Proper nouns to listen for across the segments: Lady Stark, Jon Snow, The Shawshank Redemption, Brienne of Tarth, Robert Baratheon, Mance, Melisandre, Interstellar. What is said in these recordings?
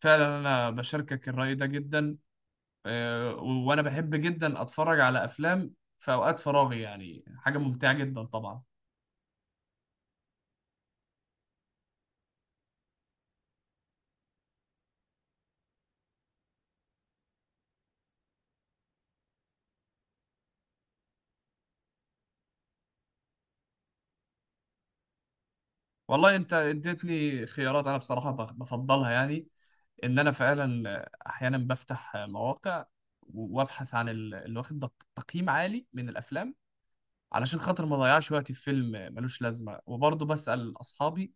فعلا انا بشاركك الرأي ده جدا. وانا بحب جدا اتفرج على افلام في اوقات فراغي، يعني حاجة ممتعة جدا طبعا. والله انت اديتني خيارات، انا بصراحة بفضلها، يعني ان انا فعلا احيانا بفتح مواقع وابحث عن اللي واخد تقييم عالي من الافلام، علشان خاطر ما اضيعش وقتي في فيلم ملوش لازمة. وبرضه بسأل اصحابي،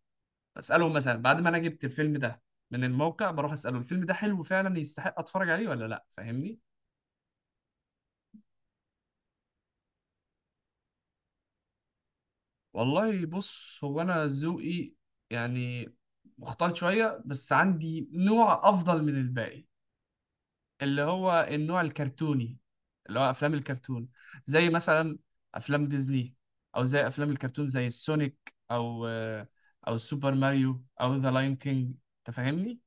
بسألهم مثلا بعد ما انا جبت الفيلم ده من الموقع، بروح اسأله الفيلم ده حلو فعلا يستحق اتفرج عليه ولا لا، فاهمني؟ والله بص، هو انا ذوقي يعني مختلط شويه، بس عندي نوع افضل من الباقي، اللي هو النوع الكرتوني، اللي هو افلام الكرتون، زي مثلا افلام ديزني، او زي افلام الكرتون زي السونيك، او او سوبر ماريو، او ذا لاين كينج، انت فاهمني؟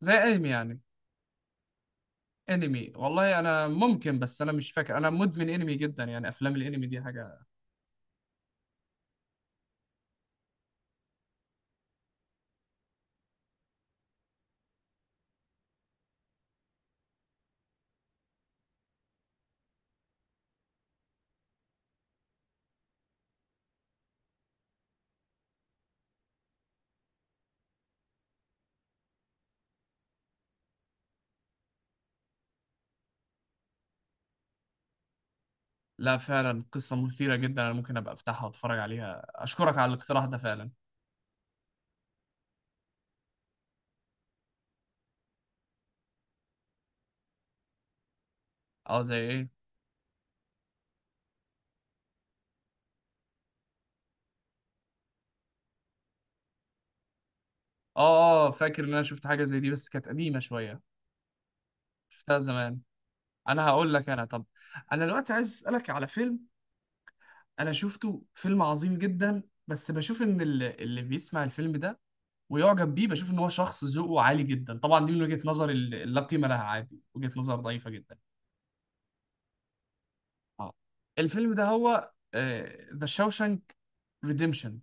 زي انمي يعني. انمي، والله انا ممكن، بس انا مش فاكر. انا مدمن انمي جدا، يعني افلام الانمي دي حاجه. لا فعلا، قصة مثيرة جدا، أنا ممكن أبقى أفتحها وأتفرج عليها، أشكرك على الاقتراح ده فعلا. أه، زي إيه؟ أه أه، فاكر إن أنا شفت حاجة زي دي بس كانت قديمة شوية، شفتها زمان. أنا هقول لك، أنا طب، أنا دلوقتي عايز أسألك على فيلم أنا شفته، فيلم عظيم جدا، بس بشوف إن اللي بيسمع الفيلم ده ويعجب بيه، بشوف إن هو شخص ذوقه عالي جدا طبعا. دي من وجهة نظر لا قيمة لها، عادي، وجهة نظر ضعيفة جدا. أه، الفيلم ده هو ذا شاوشانك ريديمشن.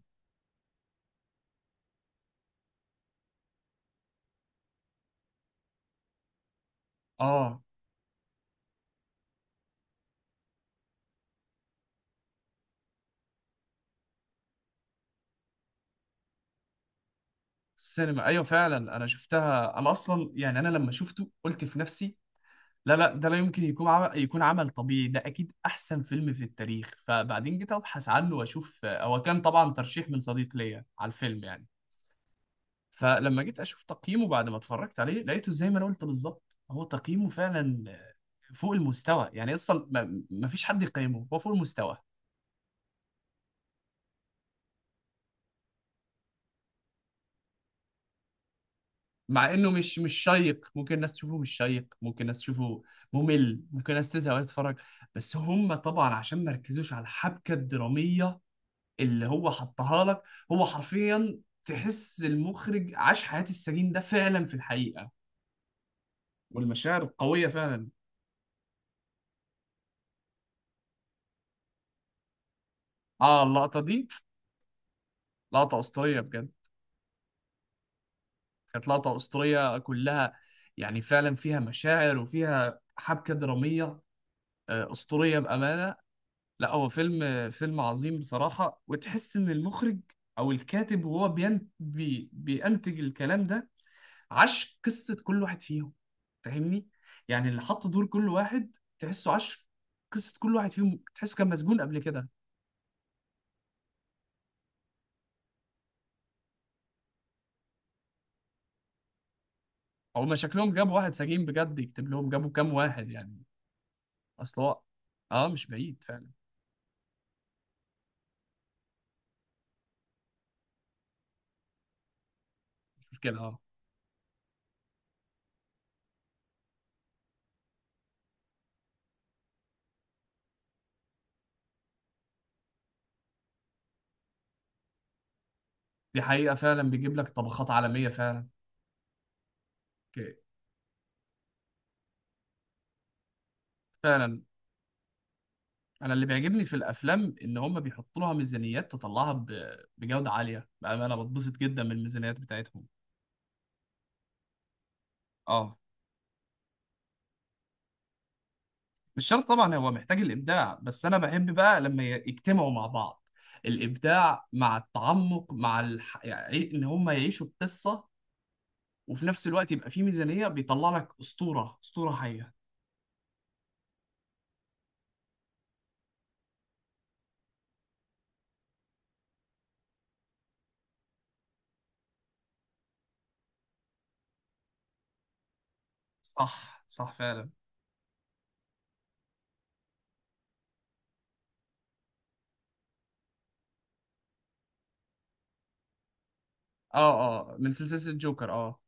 اه، The Shawshank Redemption. آه. السينما، ايوه فعلا انا شفتها. انا اصلا يعني انا لما شفته قلت في نفسي: لا لا، ده لا يمكن يكون عمل، يكون عمل طبيعي، ده اكيد احسن فيلم في التاريخ. فبعدين جيت ابحث عنه واشوف، هو كان طبعا ترشيح من صديق ليا على الفيلم يعني. فلما جيت اشوف تقييمه بعد ما اتفرجت عليه، لقيته زي ما انا قلت بالظبط، هو تقييمه فعلا فوق المستوى، يعني اصلا ما فيش حد يقيمه، هو فوق المستوى. مع انه مش شيق، ممكن الناس تشوفه مش شيق، ممكن الناس تشوفه ممل، ممكن الناس تزهق وهي تتفرج. بس هم طبعا عشان ما ركزوش على الحبكه الدراميه اللي هو حطها لك. هو حرفيا تحس المخرج عاش حياه السجين ده فعلا في الحقيقه. والمشاعر القويه فعلا. اه، اللقطه دي لقطه اسطوريه بجد، كانت لقطه اسطوريه كلها. يعني فعلا فيها مشاعر وفيها حبكه دراميه، اسطوريه بامانه. لا هو فيلم، فيلم عظيم بصراحة، وتحس إن المخرج أو الكاتب وهو بينتج الكلام ده عاش قصة كل واحد فيهم، فاهمني؟ يعني اللي حط دور كل واحد تحسه عاش قصة كل واحد فيهم، تحسه كان مسجون قبل كده. أو ما شكلهم جابوا واحد سجين بجد يكتب لهم، جابوا كام واحد يعني. أصل هو، أه مش بعيد فعلا. مش مشكلة أه. دي حقيقة فعلا، بيجيب لك طبخات عالمية فعلا. ك- فعلا. انا اللي بيعجبني في الافلام ان هم بيحطوا لها ميزانيات تطلعها بجوده عاليه بقى، انا بتبسط جدا من الميزانيات بتاعتهم. اه مش شرط طبعا، هو محتاج الابداع، بس انا بحب بقى لما يجتمعوا مع بعض الابداع مع التعمق مع يعني إيه، ان هم يعيشوا القصه، وفي نفس الوقت يبقى في ميزانيه، بيطلع لك اسطوره، اسطوره حيه. صح صح فعلا. اه اه، من سلسله الجوكر اه.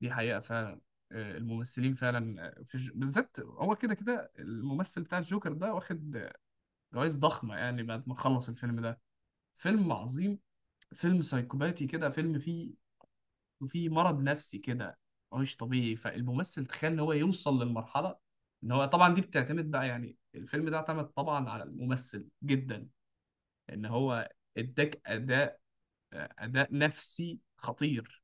دي حقيقة فعلا. الممثلين فعلا، بالذات هو كده كده الممثل بتاع الجوكر ده واخد جوائز ضخمة، يعني بعد ما خلص الفيلم ده. فيلم عظيم، فيلم سايكوباتي كده، فيلم فيه، فيه مرض نفسي كده مش طبيعي. فالممثل تخيل ان هو يوصل للمرحلة. ان هو طبعا دي بتعتمد بقى، يعني الفيلم ده اعتمد طبعا على الممثل جدا، ان هو اداك اداء، اداء نفسي خطير.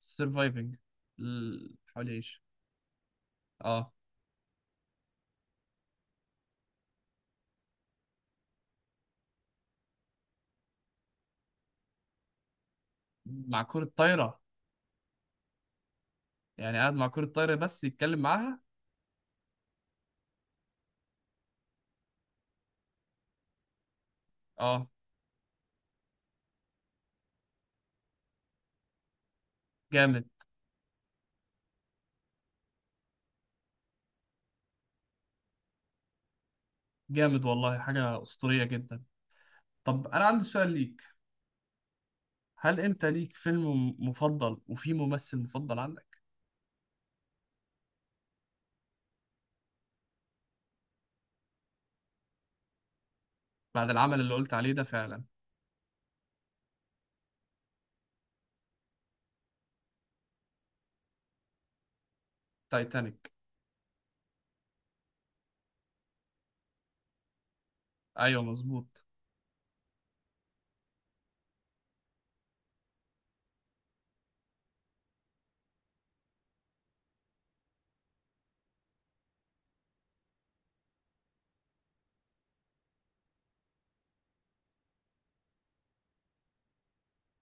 سرفايفنج، حاول يعيش. اه، مع كرة طايرة، يعني قاعد مع كرة طايرة بس يتكلم معاها. اه جامد. جامد والله، حاجة أسطورية جدا. طب أنا عندي سؤال ليك، هل أنت ليك فيلم مفضل وفي ممثل مفضل عندك؟ بعد العمل اللي قلت عليه ده فعلا. تايتانيك. أيوه مظبوط.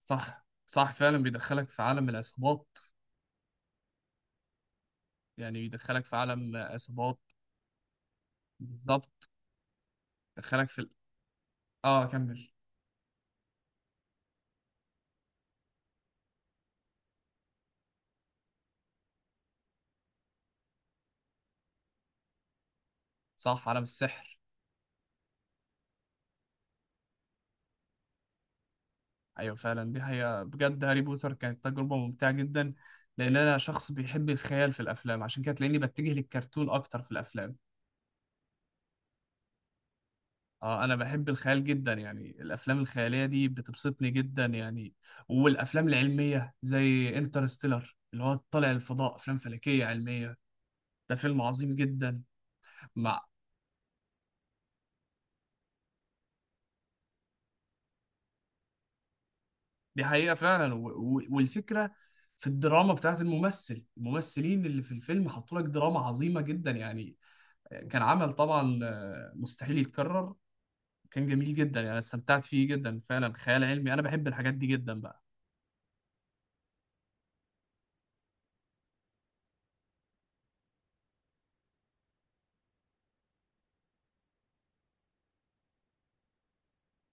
صح صح فعلا، بيدخلك في عالم العصابات، يعني بيدخلك في عالم عصابات. بالظبط. دخلك في اه كمل. صح، عالم السحر. ايوه فعلا، دي حقيقة بجد، هاري بوتر كانت تجربة ممتعة جدا، لان انا شخص بيحب الخيال في الافلام، عشان كده تلاقيني بتجه للكرتون اكتر في الافلام. اه انا بحب الخيال جدا، يعني الافلام الخيالية دي بتبسطني جدا يعني. والافلام العلمية زي انترستيلر اللي هو طالع الفضاء، افلام فلكية علمية، ده فيلم عظيم جدا. مع، دي حقيقة فعلا. والفكرة في الدراما بتاعت الممثل، الممثلين اللي في الفيلم حطوا لك دراما عظيمة جدا يعني. كان عمل طبعا مستحيل يتكرر. كان جميل جدا، يعني استمتعت فيه جدا فعلا. خيال علمي، انا بحب الحاجات دي جدا بقى.